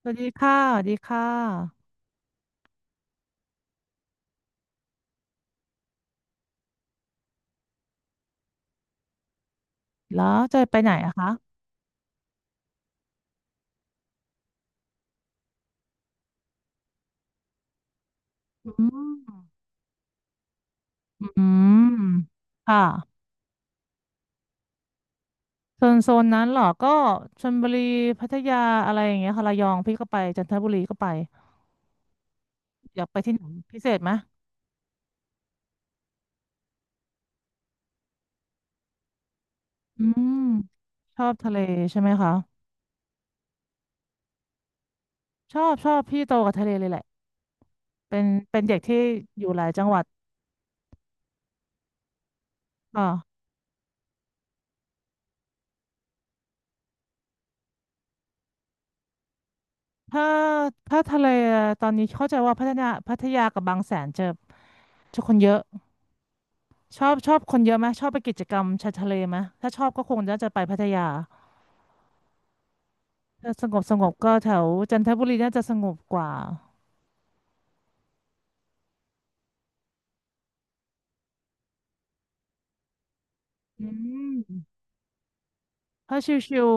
สวัสดีค่ะสวัสดีค่ะแล้วจะไปไหนอะคะอืมอืมค่ะโซนนั้นเหรอก็ชลบุรีพัทยาอะไรอย่างเงี้ยค่ะระยองพี่ก็ไปจันทบุรีก็ไปอยากไปที่ไหนพิเศษไหมอืมชอบทะเลใช่ไหมคะชอบชอบพี่โตกับทะเลเลยแหละเป็นเป็นเด็กที่อยู่หลายจังหวัดอ่าถ้าถ้าทะเลตอนนี้เข้าใจว่าพัฒนาพัทยากับบางแสนเจอจะคนเยอะ ชอบชอบคนเยอะไหมชอบไปกิจกรรมชายทะเลไหมถ้าชอบก็คงน่าจะไปพัทยาถ้าสงบสงบก็แถวจันทบุรีน่าจะสงบกว่าอืมถ้าชิว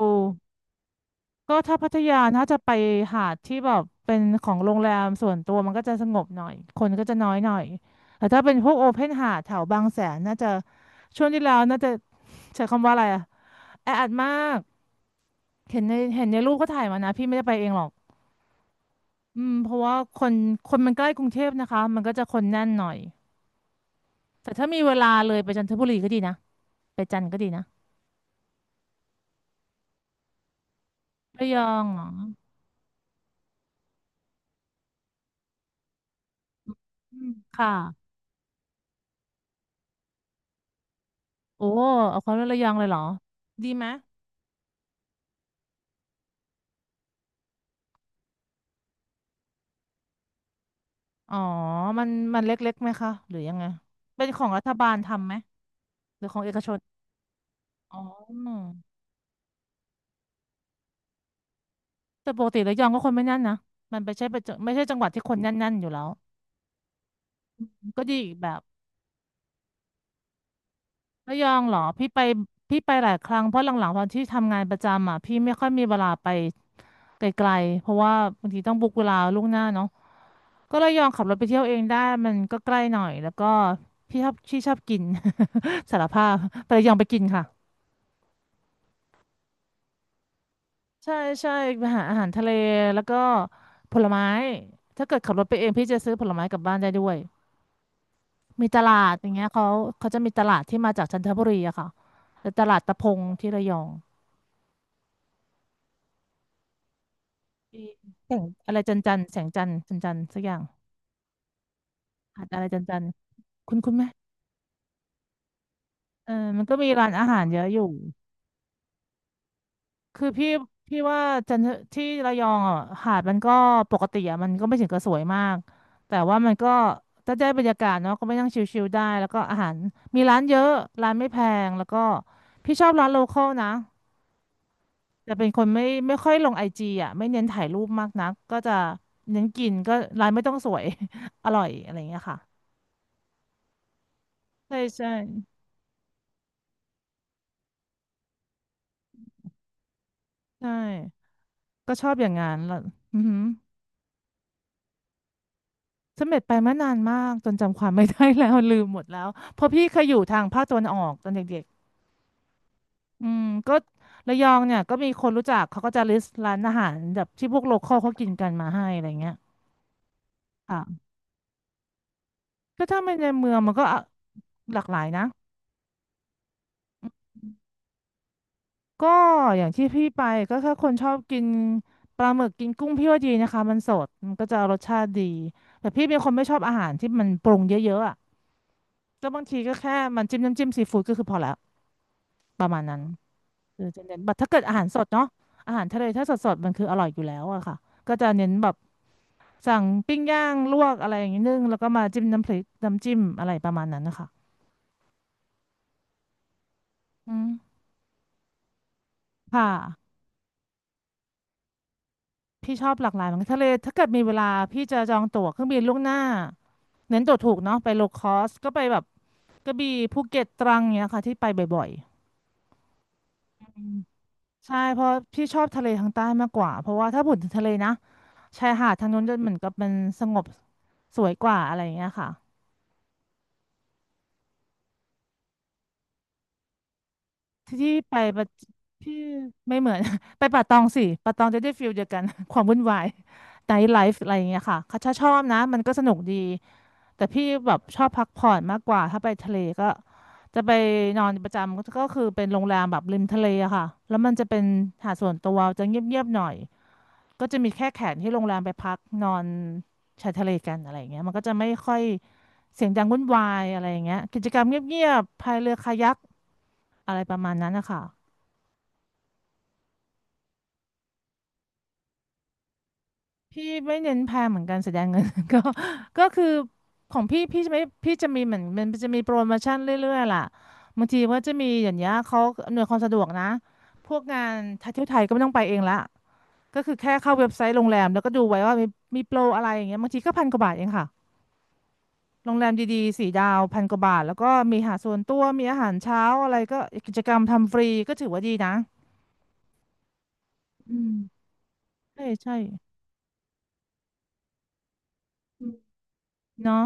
ๆก็ถ้าพัทยาน่าจะไปหาดที่แบบเป็นของโรงแรมส่วนตัวมันก็จะสงบหน่อยคนก็จะน้อยหน่อยแต่ถ้าเป็นพวกโอเพนหาดแถวบางแสนน่าจะช่วงที่แล้วน่าจะใช้คำว่าอะไรอะแออัดมากเห็นในรูปก็ถ่ายมานะพี่ไม่ได้ไปเองหรอก อืมเพราะว่าคนมันใกล้กรุงเทพนะคะมันก็จะคนแน่นหน่อยแต่ถ้ามีเวลาเลยไปจันทบุรีก็ดีนะไปจันทร์ก็ดีนะระยองเหรออืมค่ะโอ้เอาความว่าระยองเลยเหรอดีไหมอ๋อมันมันเล็กๆไหมคะหรือยังไงเป็นของรัฐบาลทำไหมหรือของเอกชนอ๋อแต่ปกติระยองก็คนไม่แน่นนะมันไม่ใช่เป็นจังไม่ใช่จังหวัดที่คนแน่นๆอยู่แล้วก็ดีอีกแบบระยองเหรอพี่ไปหลายครั้งเพราะหลังๆตอนที่ทำงานประจำอ่ะพี่ไม่ค่อยมีเวลาไป ไกลๆเพราะว่าบางทีต้องบุ๊กเวลาล่วงหน้าเนาะก็เลยยอมขับรถไปเที่ยวเองได้มันก็ใกล้หน่อย แล้วก็พี่ชอบที่ชอบกิน สารภาพไประยองไปกินค่ะ ใช่ใช่ไปหาอาหารทะเล แล้วก็ผลไม้ ถ้าเกิดขับรถไปเองพี่จะซื้อผลไม้กลับบ้านได้ด้วยมีตลาดอย่างเงี้ยเขาจะมีตลาดที่มาจากจันทบุรีอะค่ะแต่ตลาดตะพงที่ระยองที่แสงอะไรจันจันแสงจันทร์จันจันทร์สักอย่างหาดอะไรจันจันทร์คุณคุณไหมเออมันก็มีร้านอาหารเยอะอยู่ คือพี่ว่าจันทที่ระยองอ่ะหาดมันก็ปกติอ่ะมันก็ไม่ถึงกับสวยมากแต่ว่ามันก็ถ้าได้บรรยากาศเนาะก็ไปนั่งชิลๆได้แล้วก็อาหารมีร้านเยอะร้านไม่แพงแล้วก็พี่ชอบร้านโลคอลนะแต่เป็นคนไม่ไม่ค่อยลงไอจีอ่ะไม่เน้นถ่ายรูปมากนักก็จะเน้นกินก็ร้านไม่ต้องสวย อร่อยอะไรอย่างเงี้ยค่ะใช่ใช่ใช่ก็ชอบอย่างงั้นแล้วอือหือ เสม็ดไปเมื่อนานมากจนจำความไม่ได้แล้ว ลืมหมดแล้วเพราะพี่เคยอยู่ทางภาคตะวันออกตอนเด็กๆอืมก็ระยองเนี่ยก็มีคนรู้จักเขาก็จะลิสต์ร้านอาหารแบบที่พวกโลคอลเขากินกันมาให้อะไรเงี้ยค่ะก็ถ้าเป็นในเมืองมันก็อ่ะหลากหลายนะก็อย่างที่พี่ไปก็ถ้าคนชอบกินปลาหมึกกินกุ้งพี่ว่าดีนะคะมันสดมันก็จะรสชาติดีแต่พี่เป็นคนไม่ชอบอาหารที่มันปรุงเยอะๆอ่ะก็บางทีก็แค่มันจิ้มน้ำจิ้มซีฟู้ดก็คือพอแล้วประมาณนั้น เออจะเน้นแบบถ้าเกิดอาหารสดเนาะอาหารทะเลถ้าสดสดมันคืออร่อยอยู่แล้วอะค่ะก็จะเน้นแบบสั่งปิ้งย่างลวกอะไรอย่างนี้นึ่งแล้วก็มาจิ้มน้ำพริกน้ำจิ้มอะไรประมาณนั้นนะคะอืมค่ะพี่ชอบหลากหลายเหมือนกันทะเลถ้าเกิดมีเวลาพี่จะจองตั๋วเครื่องบินล่วงหน้าเน้นตั๋วถูกเนาะไปโลคอสก็ไปแบบกระบี่ภูเก็ตตรังเนี้ยค่ะที่ไปบ่อยๆใช่เพราะพี่ชอบทะเลทางใต้มากกว่าเพราะว่าถ้าพูดถึงทะเลนะชายหาดทางนู้นจะเหมือนกับมันสงบสวยกว่าอะไรอย่างเงี้ยค่ะ ที่ไปปะที่ไม่เหมือน ไปป่าตองสิป่าตองจะได้ฟิลเดียวกัน ความวุ่นวายไนท์ไลฟ์อะไรอย่างเงี้ยค่ะเขาชอบนะมันก็สนุกดีแต่พี่แบบชอบพักผ่อนมากกว่าถ้าไปทะเลก็จะไปนอนประจำก็คือเป็นโรงแรมแบบริมทะเลอะค่ะแล้วมันจะเป็นหาดส่วนตัวจะเงียบๆหน่อยก็จะมีแค่แขกที่โรงแรมไปพักนอนชายทะเลกันอะไรอย่างเงี้ยมันก็จะไม่ค่อยเสียงดังวุ่นวายอะไรอย่างเงี้ยกิจกรรมเงียบๆพายเรือคายักอะไรประมาณนั้นนะคะ พี่ไม่เน้นแพงเหมือนกันแสดงเงิน ก็ก็คือของพี่พี่จะไม่พี่จะมีเหมือนมันจะมีโปรโมชั่นเรื่อยๆล่ะบางทีว่าจะมีอย่างเงี้ยเขาอำนวยความสะดวกนะพวกงานท่เที่ยวไทยก็ไม่ต้องไปเองละก็คือแค่เข้าเว็บไซต์โรงแรมแล้วก็ดูไว้ว่ามีมีโปรอะไรอย่างเงี้ยบางทีก็พันกว่าบาทเองค่ะโรงแรมดีๆสี่ดาวพันกว่าบาทแล้วก็มีอาหารส่วนตัวมีอาหารเช้าอะไรก็กิจกรรมทำฟรีก็ถือว่าดีนะอืมใช่ใช่เนาะ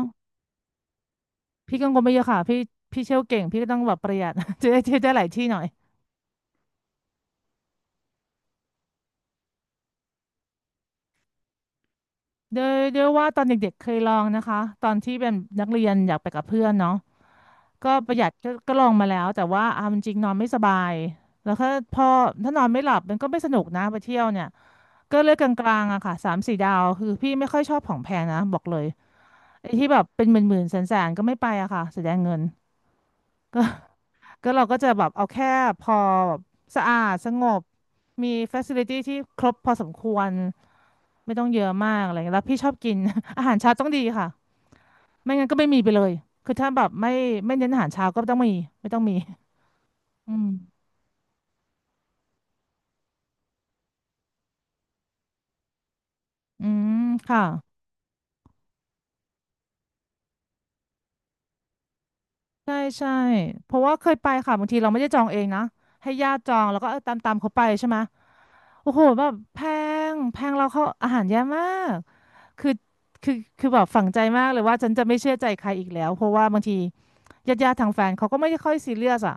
พี่กังวลไม่เยอะค่ะพี่พี่เที่ยวเก่งพี่ก็ต้องแบบประหยัด จะได้เที่ยวได้หลายที่หน่อยโดยโดยว่าตอนเด็กๆเคยลองนะคะตอนที่เป็นนักเรียนอยากไปกับเพื่อนเนาะก็ประหยัดก็ก็ลองมาแล้วแต่ว่าเอาจริงๆนอนไม่สบายแล้วก็พอถ้านอนไม่หลับมันก็ไม่สนุกนะไปเที่ยวเนี่ยก็เลือกกลางๆอะค่ะสามสี่ดาวคือพี่ไม่ค่อยชอบของแพงนะบอกเลยไอ้ที่แบบเป็นหมื่นๆแสนๆก็ไม่ไปอะค่ะเสียดายเงินก็ ก็เราก็จะแบบเอาแค่พอแบบสะอาดสงบมีฟ a ซิลิตี้ที่ครบพอสมควรไม่ต้องเยอะมากอะไรเงี้ยแล้วพี่ชอบกิน อาหารเช้าต้องดีค่ะไม่งั้นก็ไม่มีไปเลยคือถ้าแบบไม่ไม่เน้นอาหารเช้าก็ต้องมีไม่ต้องมีอืมอืมค่ะใช่ใช่เพราะว่าเคยไปค่ะบางทีเราไม่ได้จองเองนะให้ญาติจองแล้วก็เออตามตามเขาไปใช่ไหมโอ้โหแบบแพงแพงเราเขาอาหารแย่มาก คือคือคือแบบฝังใจมากเลยว่าฉันจะไม่เชื่อใจใครอีกแล้วเพราะว่าบางทีญาติญาติทางแฟนเขาก็ไม่ได้ค่อยซีเรียสอะ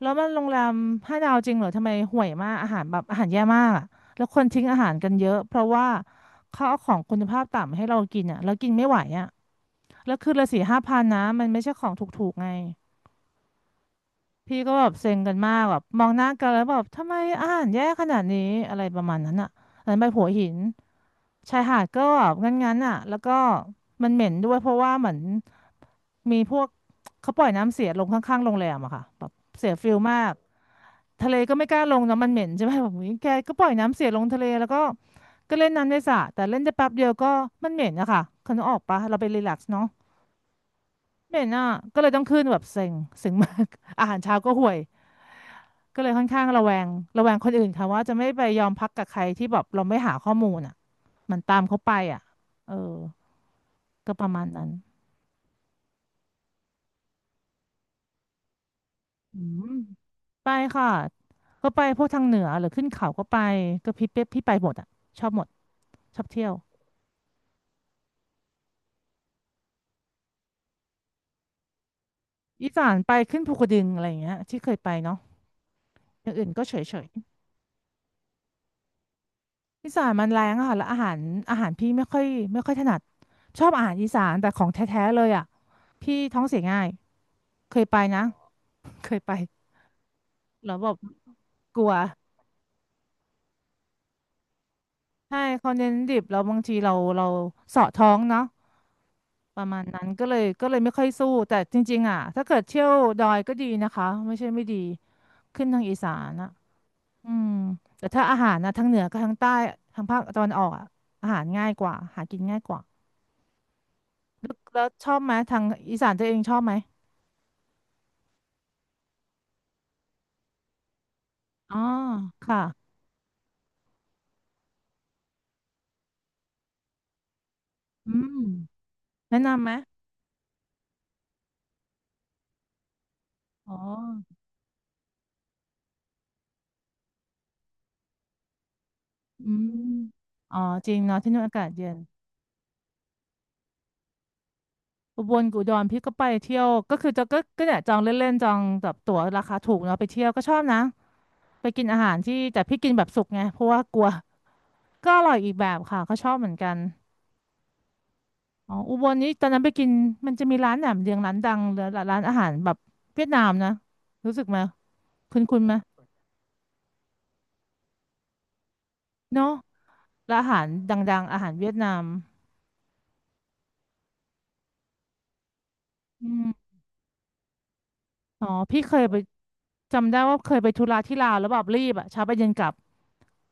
แล้วมันโรงแรมห้าดาวจริงเหรอทำไมห่วยมากอาหารแบบอาหารแย่มากอะแล้วคนทิ้งอาหารกันเยอะเพราะว่าเขาเอาของคุณภาพต่ำให้เรากินอะแล้วกินไม่ไหวอะแล้วคือละสี่ห้าพันนะมันไม่ใช่ของถูกๆไงพี่ก็แบบเซ็งกันมากแบบมองหน้ากันแล้วแบบทำไมอาหารแย่ขนาดนี้อะไรประมาณนั้นอะอันนั้นไปหัวหิน ชายหาดก็งั้นๆอ่ะแล้วก็มันเหม็นด้วยเพราะว่าเหมือนมีพวกเขาปล่อยน้ำเสียลงข้างๆโรงแรมอะค่ะแบบเสียฟิลมากทะเลก็ไม่กล้าลงเนอะมันเหม็นใช่ไหมแบบอุ๊ยแกก็ปล่อยน้ำเสียลงทะเลแล้วก็ก็เล่นน้ำในสระแต่เล่นได้แป๊บเดียวก็มันเหม็นอะค่ะคุณนึกออกปะเราไปรีแลกซ์เนาะเหม็นอะก็เลยต้องขึ้นแบบเซ็งเซ็งมาก อาหารเช้าก็ห่วยก็เลยค่อนข้างระแวงระแวงคนอื่นค่ะว่าจะไม่ไปยอมพักกับใครที่แบบเราไม่หาข้อมูลอะมันตามเขาไปอะเออ ก็ประมาณนั้นอืมไปค่ะก็ไปพวกทางเหนือหรือขึ้นเขาก็ไปก็พี่เป๊ะพี่ไปหมดอ่ะชอบหมดชอบเที่ยวอีสานไปขึ้นภูกระดึงอะไรอย่างเงี้ยที่เคยไปเนาะอย่างอื่นก็เฉยเฉยอีสานมันแรงอะค่ะแล้วอาหารอาหารพี่ไม่ค่อยไม่ค่อยถนัดชอบอาหารอีสานแต่ของแท้ๆเลยอ่ะพี่ท้องเสียง่ายเคยไปนะ เคยไปแล้วแบบกลัวใช่เขาเน้นดิบแล้วบางทีเราเราเสาะท้องเนาะ ประมาณนั้นก็เลยก็เลยไม่ค่อยสู้แต่จริงๆอ่ะถ้าเกิดเที่ยวดอยก็ดีนะคะไม่ใช่ไม่ดีขึ้นทางอีสานอ่ะอืมแต่ถ้าอาหารนะทางเหนือกับทางใต้ทางภาคตะวันออกอ่ะอาหารง่ายกว่าหากินง่ายกว่าแล้วแล้วชอบไหมทางอีสานตัวเองชอบไหมอ๋อค่ะอืมแนะนำไหมอ๋ออืมอ๋อจริงเนาะที่นู่นอากาศเย็น อุบลกับอุดรพี่ก็ไปเที่ยวก็คือจะก็ก็เนี่ยจองเล่นๆจองแบบตั๋วราคาถูกเนาะไปเที่ยวก็ชอบนะไปกินอาหารที่แต่พี่กินแบบสุกไงเพราะว่ากลัวก็อร่อยอีกแบบค่ะก็ชอบเหมือนกันอ๋ออุบลนี้ตอนนั้นไปกินมันจะมีร้านแหนมเนืองร้านดังหรือร้านอาหารแบบเวียดนามนะรู้สึกไหมคุ้นๆไหมเนาะร้านอาหารดังๆอาหารเวียดนามอืม อ๋อพี่เคยไปจำได้ว่าเคยไปธุระที่ลาวแล้วแบบรีบอ่ะเช้าไปเย็นกลับ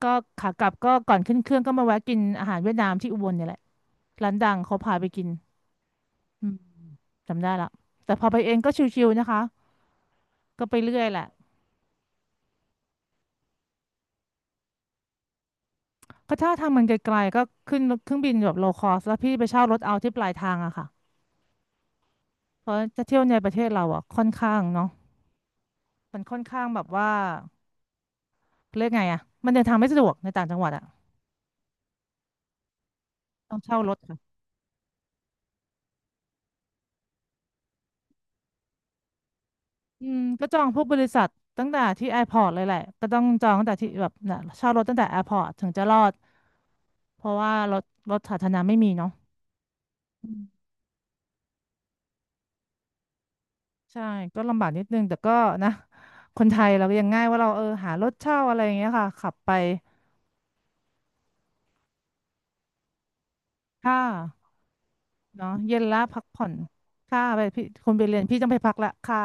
ก็ขากลับก็ก่อนขึ้นเครื่องก็มาแวะกินอาหารเวียดนามที่อุบลเนี่ยแหละร้านดังเขาพาไปกินอืมจำได้ละแต่พอไปเองก็ชิวๆนะคะก็ไปเรื่อยแหละก็ถ้าทางมันไกลๆก็ขึ้นเครื่องบินแบบโลคอสแล้วพี่ไปเช่ารถเอาที่ปลายทางอะค่ะเพราะจะเที่ยวในประเทศเราอะค่อนข้างเนาะมันค่อนข้างแบบว่าเรียกไงอะมันเดินทางไม่สะดวกในต่างจังหวัดอะต้องเช่ารถ อืมก็จองพวกบริษัทตั้งแต่ที่แอร์พอร์ตเลยแหละก็ต้องจองตั้งแต่ที่แบบน่ะเช่ารถตั้งแต่แอร์พอร์ตถึงจะรอดเพราะว่ารถรถสาธารณะไม่มีเนาะอืมใช่ก็ลำบากนิดนึงแต่ก็นะคนไทยเราก็ยังง่ายว่าเราเออหารถเช่าอะไรอย่างเงี้ยค่ะขับไปค่าเนาะเย็นละพักผ่อนค่าไปพี่คนไปเรียนพี่ต้องไปพักละค่า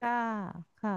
ค่าค่ะ